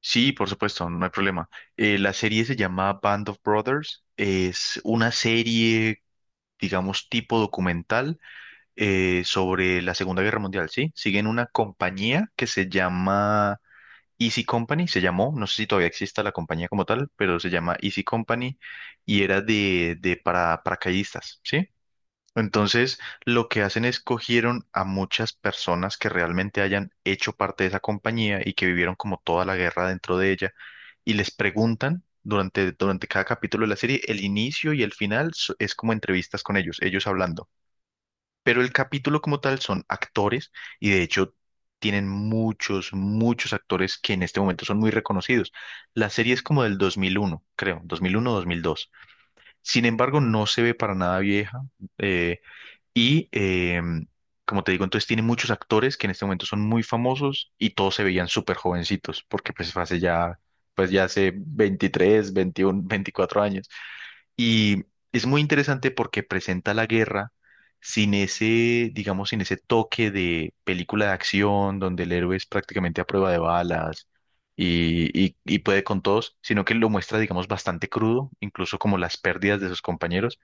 Sí, por supuesto, no hay problema. La serie se llama Band of Brothers. Es una serie, digamos, tipo documental sobre la Segunda Guerra Mundial, ¿sí? Siguen una compañía que se llama Easy Company, se llamó, no sé si todavía exista la compañía como tal, pero se llama Easy Company y era de paracaidistas, ¿sí? Entonces, lo que hacen es cogieron a muchas personas que realmente hayan hecho parte de esa compañía y que vivieron como toda la guerra dentro de ella y les preguntan durante cada capítulo de la serie, el inicio y el final, es como entrevistas con ellos, ellos hablando. Pero el capítulo como tal son actores y de hecho tienen muchos actores que en este momento son muy reconocidos. La serie es como del 2001 creo, dos mil uno dos mil dos. Sin embargo, no se ve para nada vieja. eh, y eh, Como te digo, entonces tiene muchos actores que en este momento son muy famosos y todos se veían súper jovencitos, porque pues fue hace ya, pues ya hace 23 21, 24 años. Y es muy interesante porque presenta la guerra sin ese, digamos, sin ese toque de película de acción, donde el héroe es prácticamente a prueba de balas. Y puede con todos, sino que lo muestra, digamos, bastante crudo, incluso como las pérdidas de sus compañeros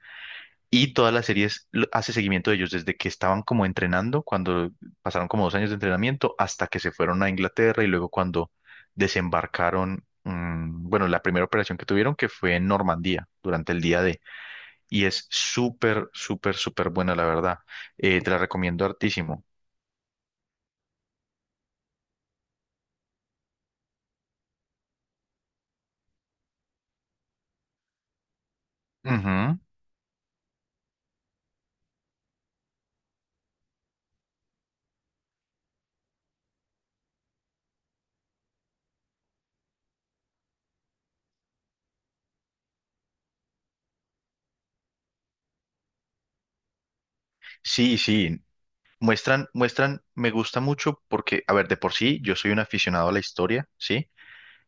y todas las series hace seguimiento de ellos desde que estaban como entrenando, cuando pasaron como dos años de entrenamiento, hasta que se fueron a Inglaterra y luego cuando desembarcaron, bueno, la primera operación que tuvieron que fue en Normandía durante el día D. Y es súper, súper, súper buena, la verdad. Te la recomiendo hartísimo. Ujú. Sí, sí. Me gusta mucho porque, a ver, de por sí, yo soy un aficionado a la historia, ¿sí?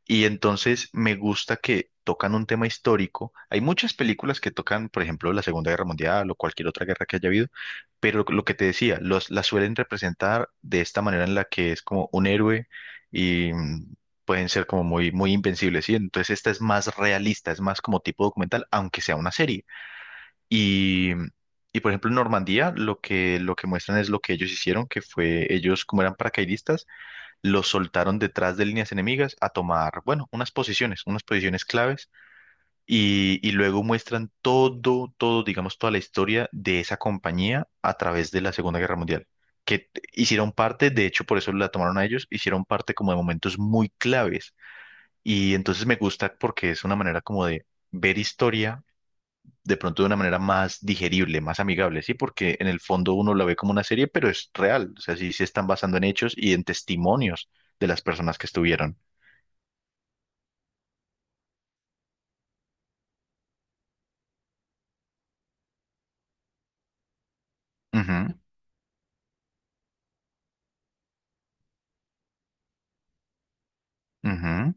Y entonces me gusta que tocan un tema histórico. Hay muchas películas que tocan, por ejemplo, la Segunda Guerra Mundial o cualquier otra guerra que haya habido, pero lo que te decía, las suelen representar de esta manera en la que es como un héroe y pueden ser como muy, muy invencibles, ¿sí? Entonces esta es más realista, es más como tipo documental, aunque sea una serie. Y, mm, y por ejemplo, en Normandía lo que muestran es lo que ellos hicieron, que fue ellos como eran paracaidistas, los soltaron detrás de líneas enemigas a tomar, bueno, unas posiciones claves, y luego muestran todo, digamos, toda la historia de esa compañía a través de la Segunda Guerra Mundial, que hicieron parte, de hecho, por eso la tomaron a ellos, hicieron parte como de momentos muy claves, y entonces me gusta porque es una manera como de ver historia de pronto de una manera más digerible, más amigable, ¿sí? Porque en el fondo uno la ve como una serie, pero es real, o sea, sí se están basando en hechos y en testimonios de las personas que estuvieron. Ujú, ujú,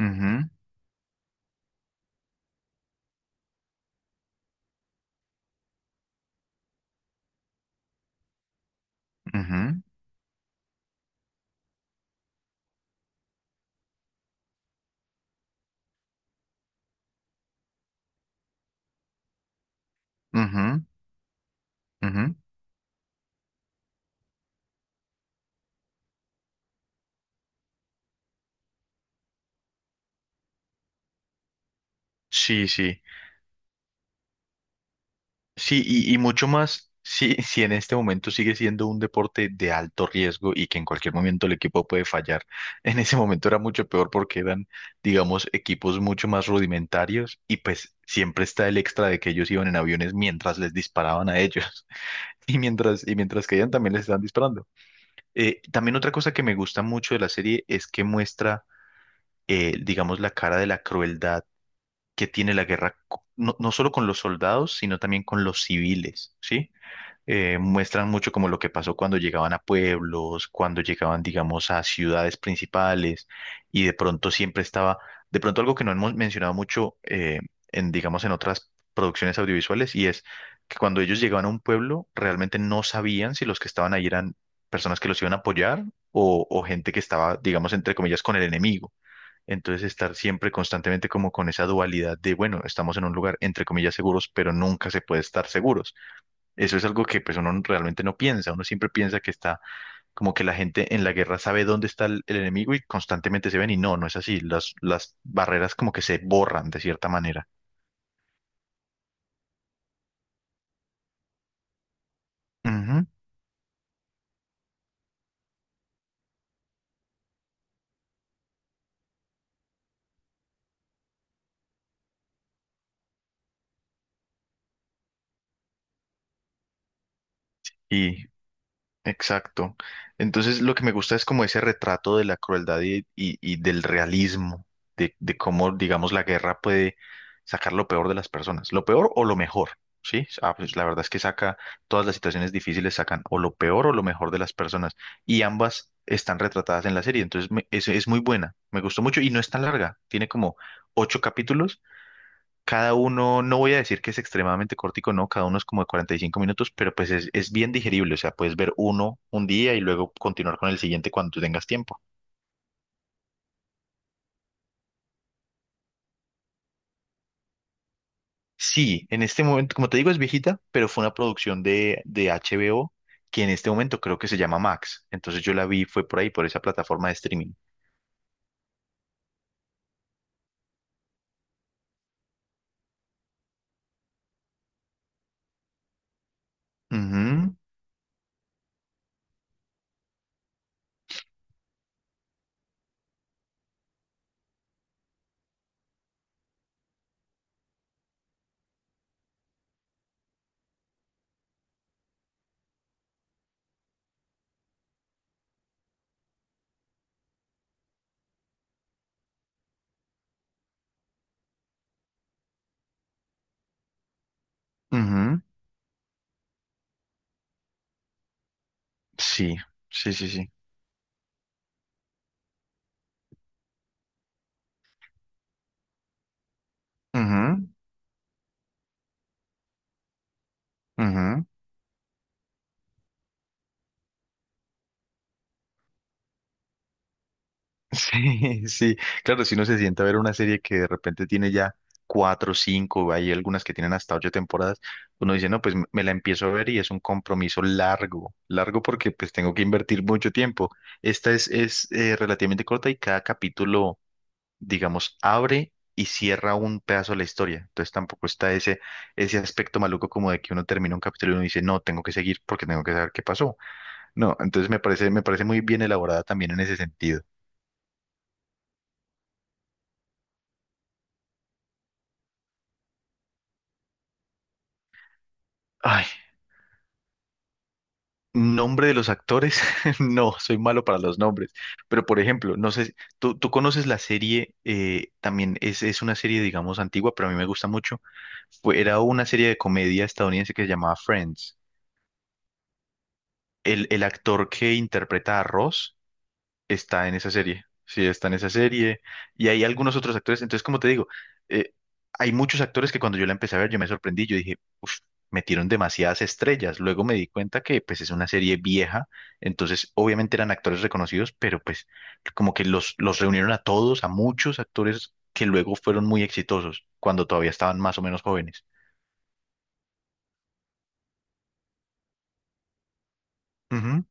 ujú, ujú, ujú, ujú. Sí, sí. Sí, y mucho más si, si en este momento sigue siendo un deporte de alto riesgo y que en cualquier momento el equipo puede fallar. En ese momento era mucho peor porque eran, digamos, equipos mucho más rudimentarios y pues siempre está el extra de que ellos iban en aviones mientras les disparaban a ellos y mientras caían también les estaban disparando. También otra cosa que me gusta mucho de la serie es que muestra, digamos, la cara de la crueldad que tiene la guerra, no, no solo con los soldados, sino también con los civiles, ¿sí? Muestran mucho como lo que pasó cuando llegaban a pueblos, cuando llegaban, digamos, a ciudades principales y de pronto siempre estaba, de pronto algo que no hemos mencionado mucho en, digamos, en otras producciones audiovisuales y es que cuando ellos llegaban a un pueblo realmente no sabían si los que estaban ahí eran personas que los iban a apoyar o gente que estaba, digamos, entre comillas, con el enemigo. Entonces estar siempre constantemente como con esa dualidad de, bueno, estamos en un lugar entre comillas seguros, pero nunca se puede estar seguros. Eso es algo que pues uno realmente no piensa, uno siempre piensa que está como que la gente en la guerra sabe dónde está el enemigo y constantemente se ven y no, no es así, las barreras como que se borran de cierta manera. Ujú. Y Exacto. Entonces lo que me gusta es como ese retrato de la crueldad y, y del realismo, de cómo, digamos, la guerra puede sacar lo peor de las personas, lo peor o lo mejor, ¿sí? Ah, pues, la verdad es que saca, todas las situaciones difíciles sacan o lo peor o lo mejor de las personas y ambas están retratadas en la serie, entonces es muy buena, me gustó mucho y no es tan larga, tiene como ocho capítulos. Cada uno, no voy a decir que es extremadamente cortico, no, cada uno es como de 45 minutos, pero pues es bien digerible, o sea, puedes ver uno un día y luego continuar con el siguiente cuando tú tengas tiempo. Sí, en este momento, como te digo, es viejita, pero fue una producción de HBO que en este momento creo que se llama Max, entonces yo la vi, fue por ahí, por esa plataforma de streaming. Ujú, ujú. Sí, sí, sí, sí. Ujú, ujú. Sí, sí, claro, si uno se sienta a ver una serie que de repente tiene ya cuatro, cinco, hay algunas que tienen hasta ocho temporadas, uno dice, no, pues me la empiezo a ver y es un compromiso largo, largo porque pues tengo que invertir mucho tiempo. Esta es, es relativamente corta y cada capítulo, digamos, abre y cierra un pedazo de la historia. Entonces tampoco está ese, ese aspecto maluco como de que uno termina un capítulo y uno dice, no, tengo que seguir porque tengo que saber qué pasó. No, entonces me parece muy bien elaborada también en ese sentido. Ay, nombre de los actores, no, soy malo para los nombres. Pero por ejemplo, no sé, tú conoces la serie, también es una serie, digamos, antigua, pero a mí me gusta mucho. Fue, era una serie de comedia estadounidense que se llamaba Friends. El actor que interpreta a Ross está en esa serie. Sí, está en esa serie. Y hay algunos otros actores. Entonces, como te digo, eh, hay muchos actores que cuando yo la empecé a ver, yo me sorprendí. Yo dije, uff, metieron demasiadas estrellas. Luego me di cuenta que pues es una serie vieja. Entonces, obviamente eran actores reconocidos, pero pues como que los reunieron a todos, a muchos actores que luego fueron muy exitosos cuando todavía estaban más o menos jóvenes. Ujú,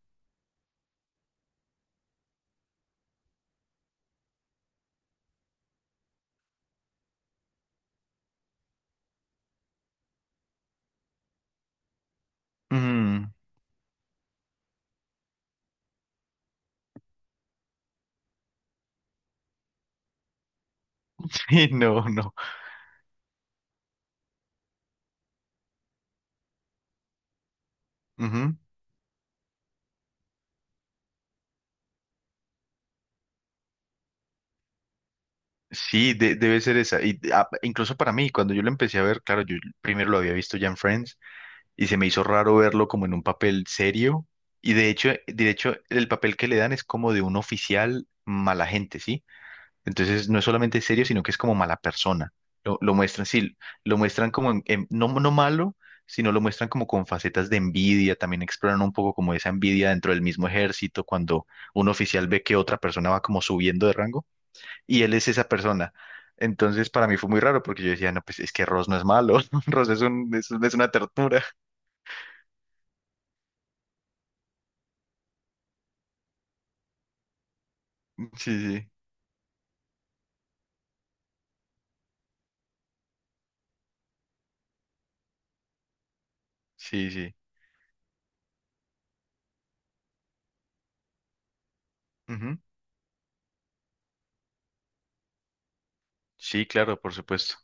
ujú. Sí, no, no. Ujú. Sí, debe ser esa. Y, ah, incluso para mí, cuando yo lo empecé a ver, claro, yo primero lo había visto ya en Friends y se me hizo raro verlo como en un papel serio. Y de hecho, el papel que le dan es como de un oficial mala gente, ¿sí? Entonces no es solamente serio, sino que es como mala persona. Lo muestran, sí, lo muestran como no, no malo, sino lo muestran como con facetas de envidia. También exploran un poco como esa envidia dentro del mismo ejército, cuando un oficial ve que otra persona va como subiendo de rango y él es esa persona. Entonces para mí fue muy raro porque yo decía, no, pues es que Ross no es malo, Ross es un, es, es una tortura. Sí, sí, sí, sí. Ujú. Sí, claro, por supuesto.